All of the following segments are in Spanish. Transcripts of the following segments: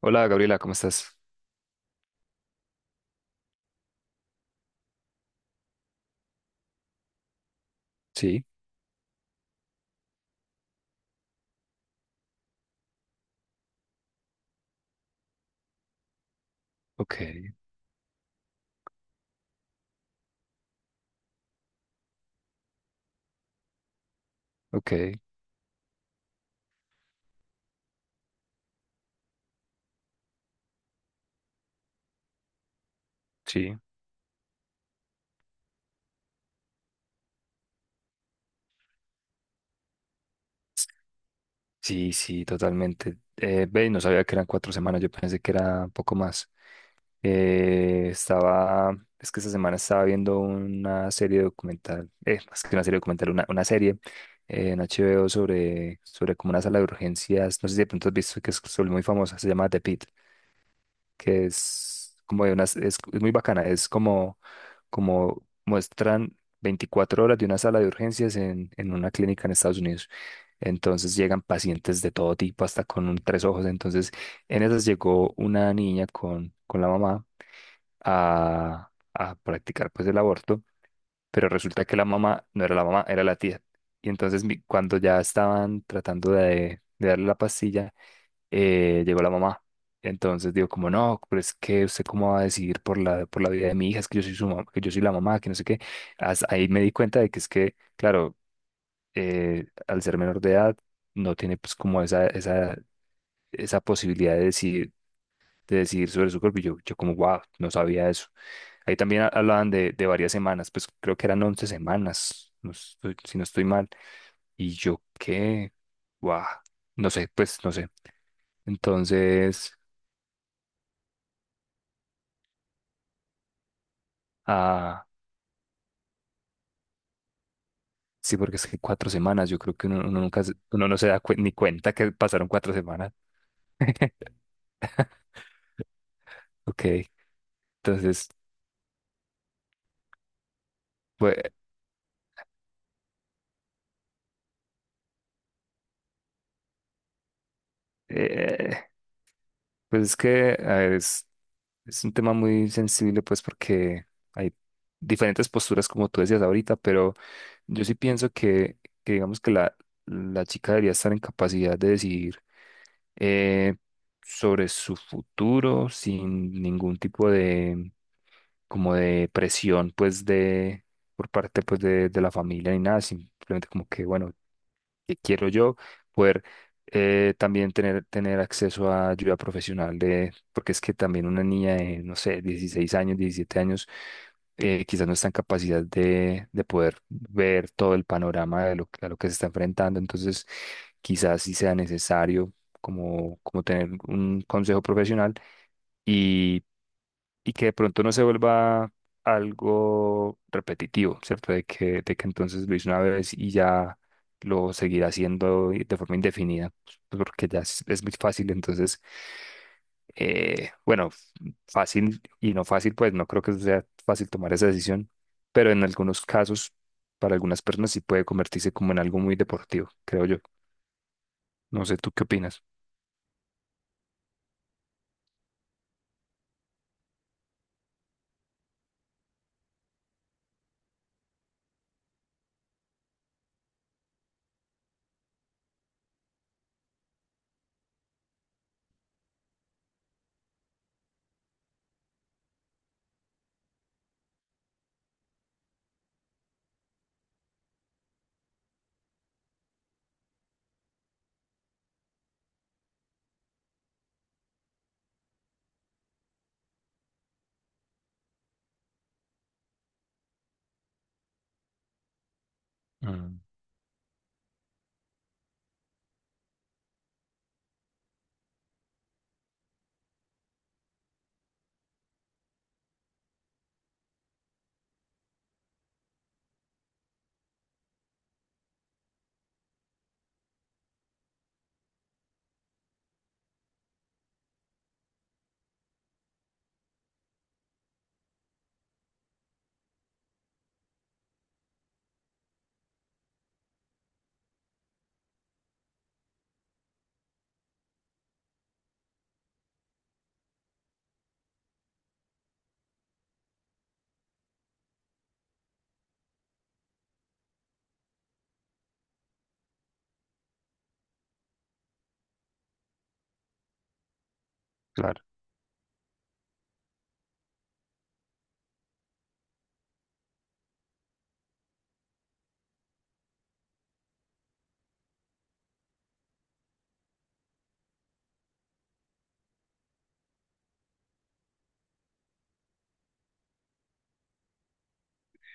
Hola Gabriela, ¿cómo estás? Sí, ok, ok, sí, sí, sí, totalmente. Ve, no sabía que eran cuatro semanas, yo pensé que era un poco más. Eh, estaba, es que esta semana estaba viendo una serie documental, más que una serie documental, una serie en HBO sobre, sobre como una sala de urgencias, no sé si de pronto has visto que es sobre muy famosa, se llama The Pit. Que es como de unas, es muy bacana, es como, como muestran 24 horas de una sala de urgencias en una clínica en Estados Unidos. Entonces llegan pacientes de todo tipo, hasta con un tres ojos. Entonces, en esas llegó una niña con la mamá a practicar pues el aborto, pero resulta que la mamá no era la mamá, era la tía. Y entonces cuando ya estaban tratando de darle la pastilla, llegó la mamá. Entonces digo, como no, pero es que usted cómo va a decidir por la vida de mi hija, es que yo soy su mamá, que yo soy la mamá, que no sé qué. Ahí me di cuenta de que es que, claro, al ser menor de edad, no tiene pues como esa posibilidad de decidir sobre su cuerpo. Y yo como, wow, no sabía eso. Ahí también hablaban de varias semanas, pues creo que eran 11 semanas, si no estoy mal. Y yo, ¿qué? Guau, no sé, pues no sé. Entonces, ah, sí, porque es que cuatro semanas, yo creo que uno, uno nunca, uno no se da ni cuenta que pasaron cuatro semanas. Ok, entonces, pues, eh, pues es que a ver, es un tema muy sensible, pues porque hay diferentes posturas, como tú decías ahorita, pero yo sí pienso que digamos que la chica debería estar en capacidad de decidir eh, sobre su futuro sin ningún tipo de como de presión pues de por parte pues de la familia ni nada, simplemente como que bueno, que quiero yo poder también tener, tener acceso a ayuda profesional de, porque es que también una niña de, no sé, 16 años, 17 años, quizás no está en capacidad de poder ver todo el panorama de lo, a lo que se está enfrentando, entonces quizás sí sea necesario como, como tener un consejo profesional y que de pronto no se vuelva algo repetitivo, ¿cierto? De que entonces lo hice una vez y ya lo seguirá haciendo de forma indefinida, pues, porque ya es muy fácil, entonces, bueno, fácil y no fácil, pues no creo que sea fácil tomar esa decisión, pero en algunos casos, para algunas personas sí puede convertirse como en algo muy deportivo, creo yo. No sé, ¿tú qué opinas? Mm, claro,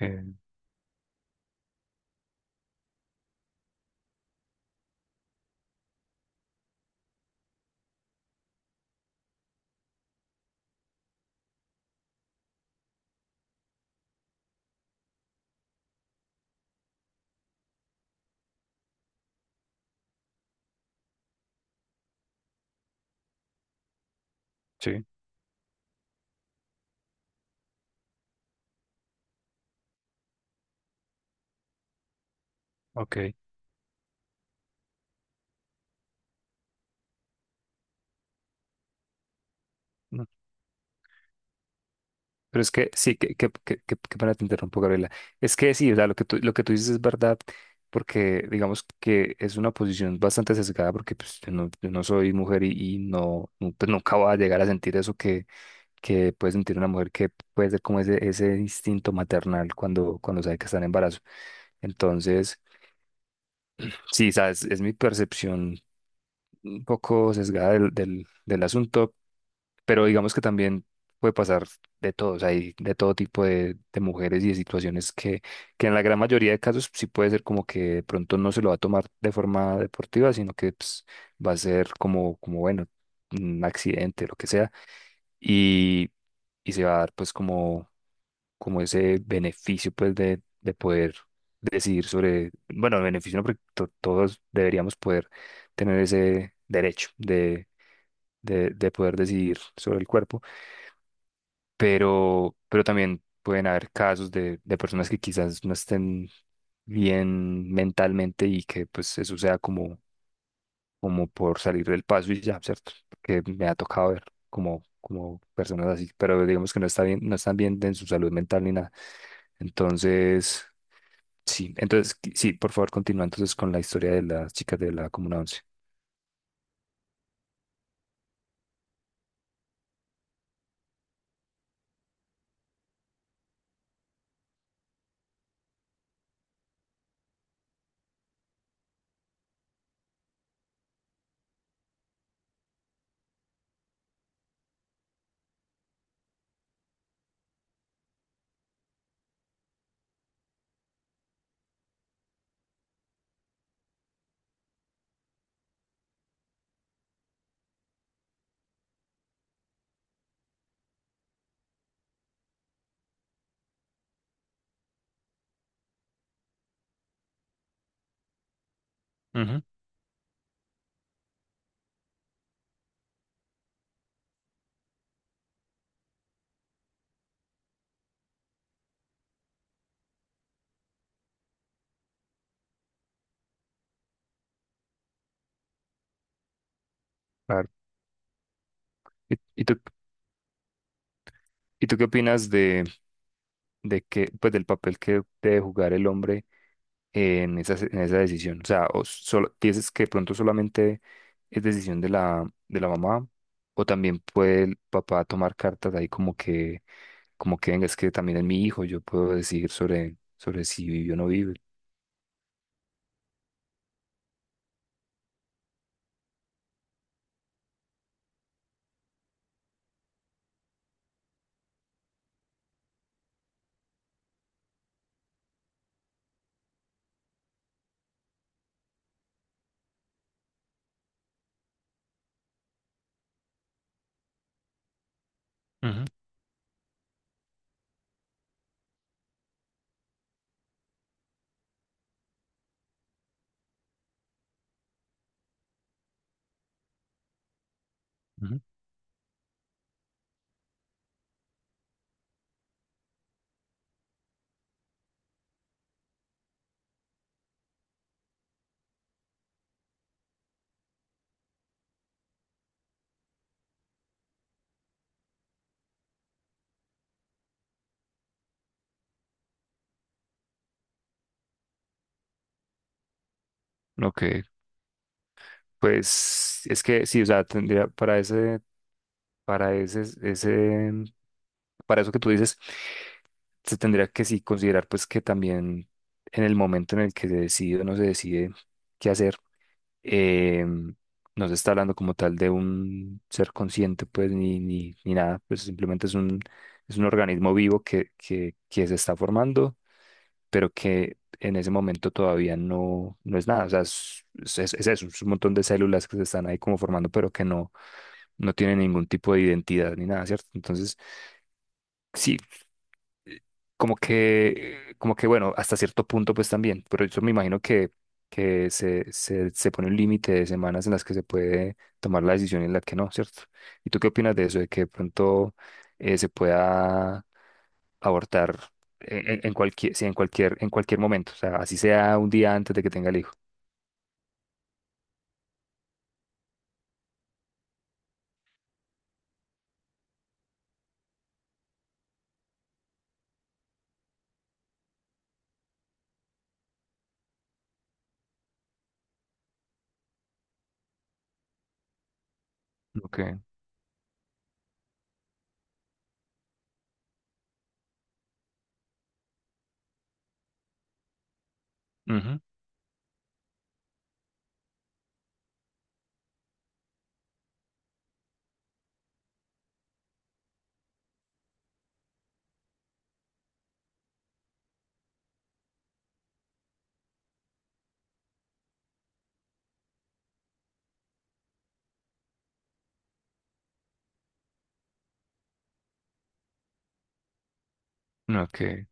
eh, sí, ok. Pero es que sí, que para te interrumpo, Gabriela. Es que sí, o sea, lo que tú dices es verdad, porque digamos que es una posición bastante sesgada, porque pues, yo no, yo no soy mujer y no, pues, nunca voy a llegar a sentir eso que puede sentir una mujer que puede ser como ese instinto maternal cuando, cuando sabe que está en embarazo. Entonces, sí, sabes, es mi percepción un poco sesgada del, del, del asunto, pero digamos que también puede pasar de todos o hay de todo tipo de mujeres y de situaciones que en la gran mayoría de casos sí puede ser como que de pronto no se lo va a tomar de forma deportiva, sino que pues, va a ser como, como, bueno, un accidente, lo que sea, y, y se va a dar pues como, como ese beneficio pues de poder decidir sobre, bueno, el beneficio no, porque todos deberíamos poder tener ese derecho de poder decidir sobre el cuerpo pero también pueden haber casos de personas que quizás no estén bien mentalmente y que pues eso sea como, como por salir del paso y ya, ¿cierto? Que me ha tocado ver como, como personas así, pero digamos que no está bien, no están bien en su salud mental ni nada. Entonces, sí, entonces sí, por favor, continúa entonces con la historia de las chicas de la Comuna once. Ujú. Claro. ¿Y, y tú, y tú qué opinas de que, pues del papel que debe jugar el hombre en esa decisión? O sea, o solo, piensas que de pronto solamente es decisión de la mamá, o también puede el papá tomar cartas ahí como que venga, es que también es mi hijo, yo puedo decidir sobre, sobre si vive o no vive. Ujú, ujú. Ok, pues es que sí, o sea, tendría para ese, ese, para eso que tú dices, se tendría que sí considerar pues que también en el momento en el que se decide o no se decide qué hacer, eh, no se está hablando como tal de un ser consciente, pues, ni nada, pues simplemente es un organismo vivo que se está formando, pero que en ese momento todavía no, no es nada, o sea, es eso, es un montón de células que se están ahí como formando, pero que no, no tienen ningún tipo de identidad ni nada, ¿cierto? Entonces, sí, como que bueno, hasta cierto punto pues también, pero yo me imagino que se pone un límite de semanas en las que se puede tomar la decisión y en la que no, ¿cierto? ¿Y tú qué opinas de eso, de que de pronto se pueda abortar en, en cualquier, sí, en cualquier momento, o sea, así sea un día antes de que tenga el hijo? Okay. Ujú, okay.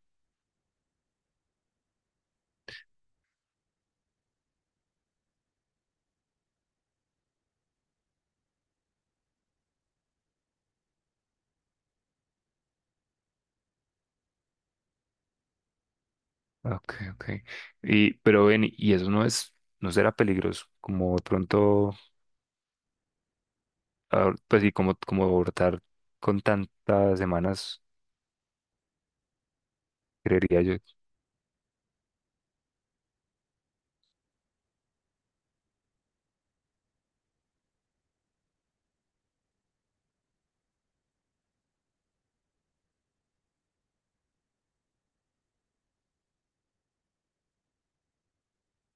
Okay, okay. Y pero ven, y eso no es, no será peligroso, como de pronto pues sí, como, como abortar con tantas semanas, creería yo.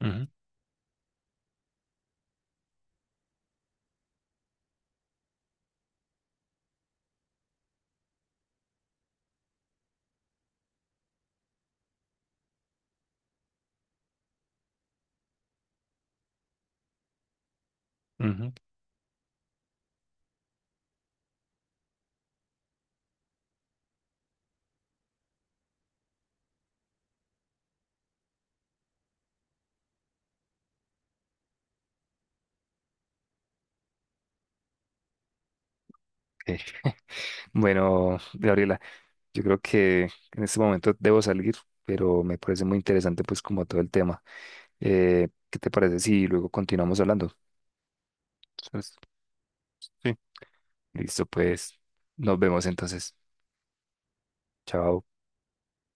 Ujú, ujú. Ok. Bueno, Gabriela, yo creo que en este momento debo salir, pero me parece muy interesante pues como todo el tema. ¿Qué te parece si luego continuamos hablando? Entonces, sí. Listo, pues nos vemos entonces. Chao.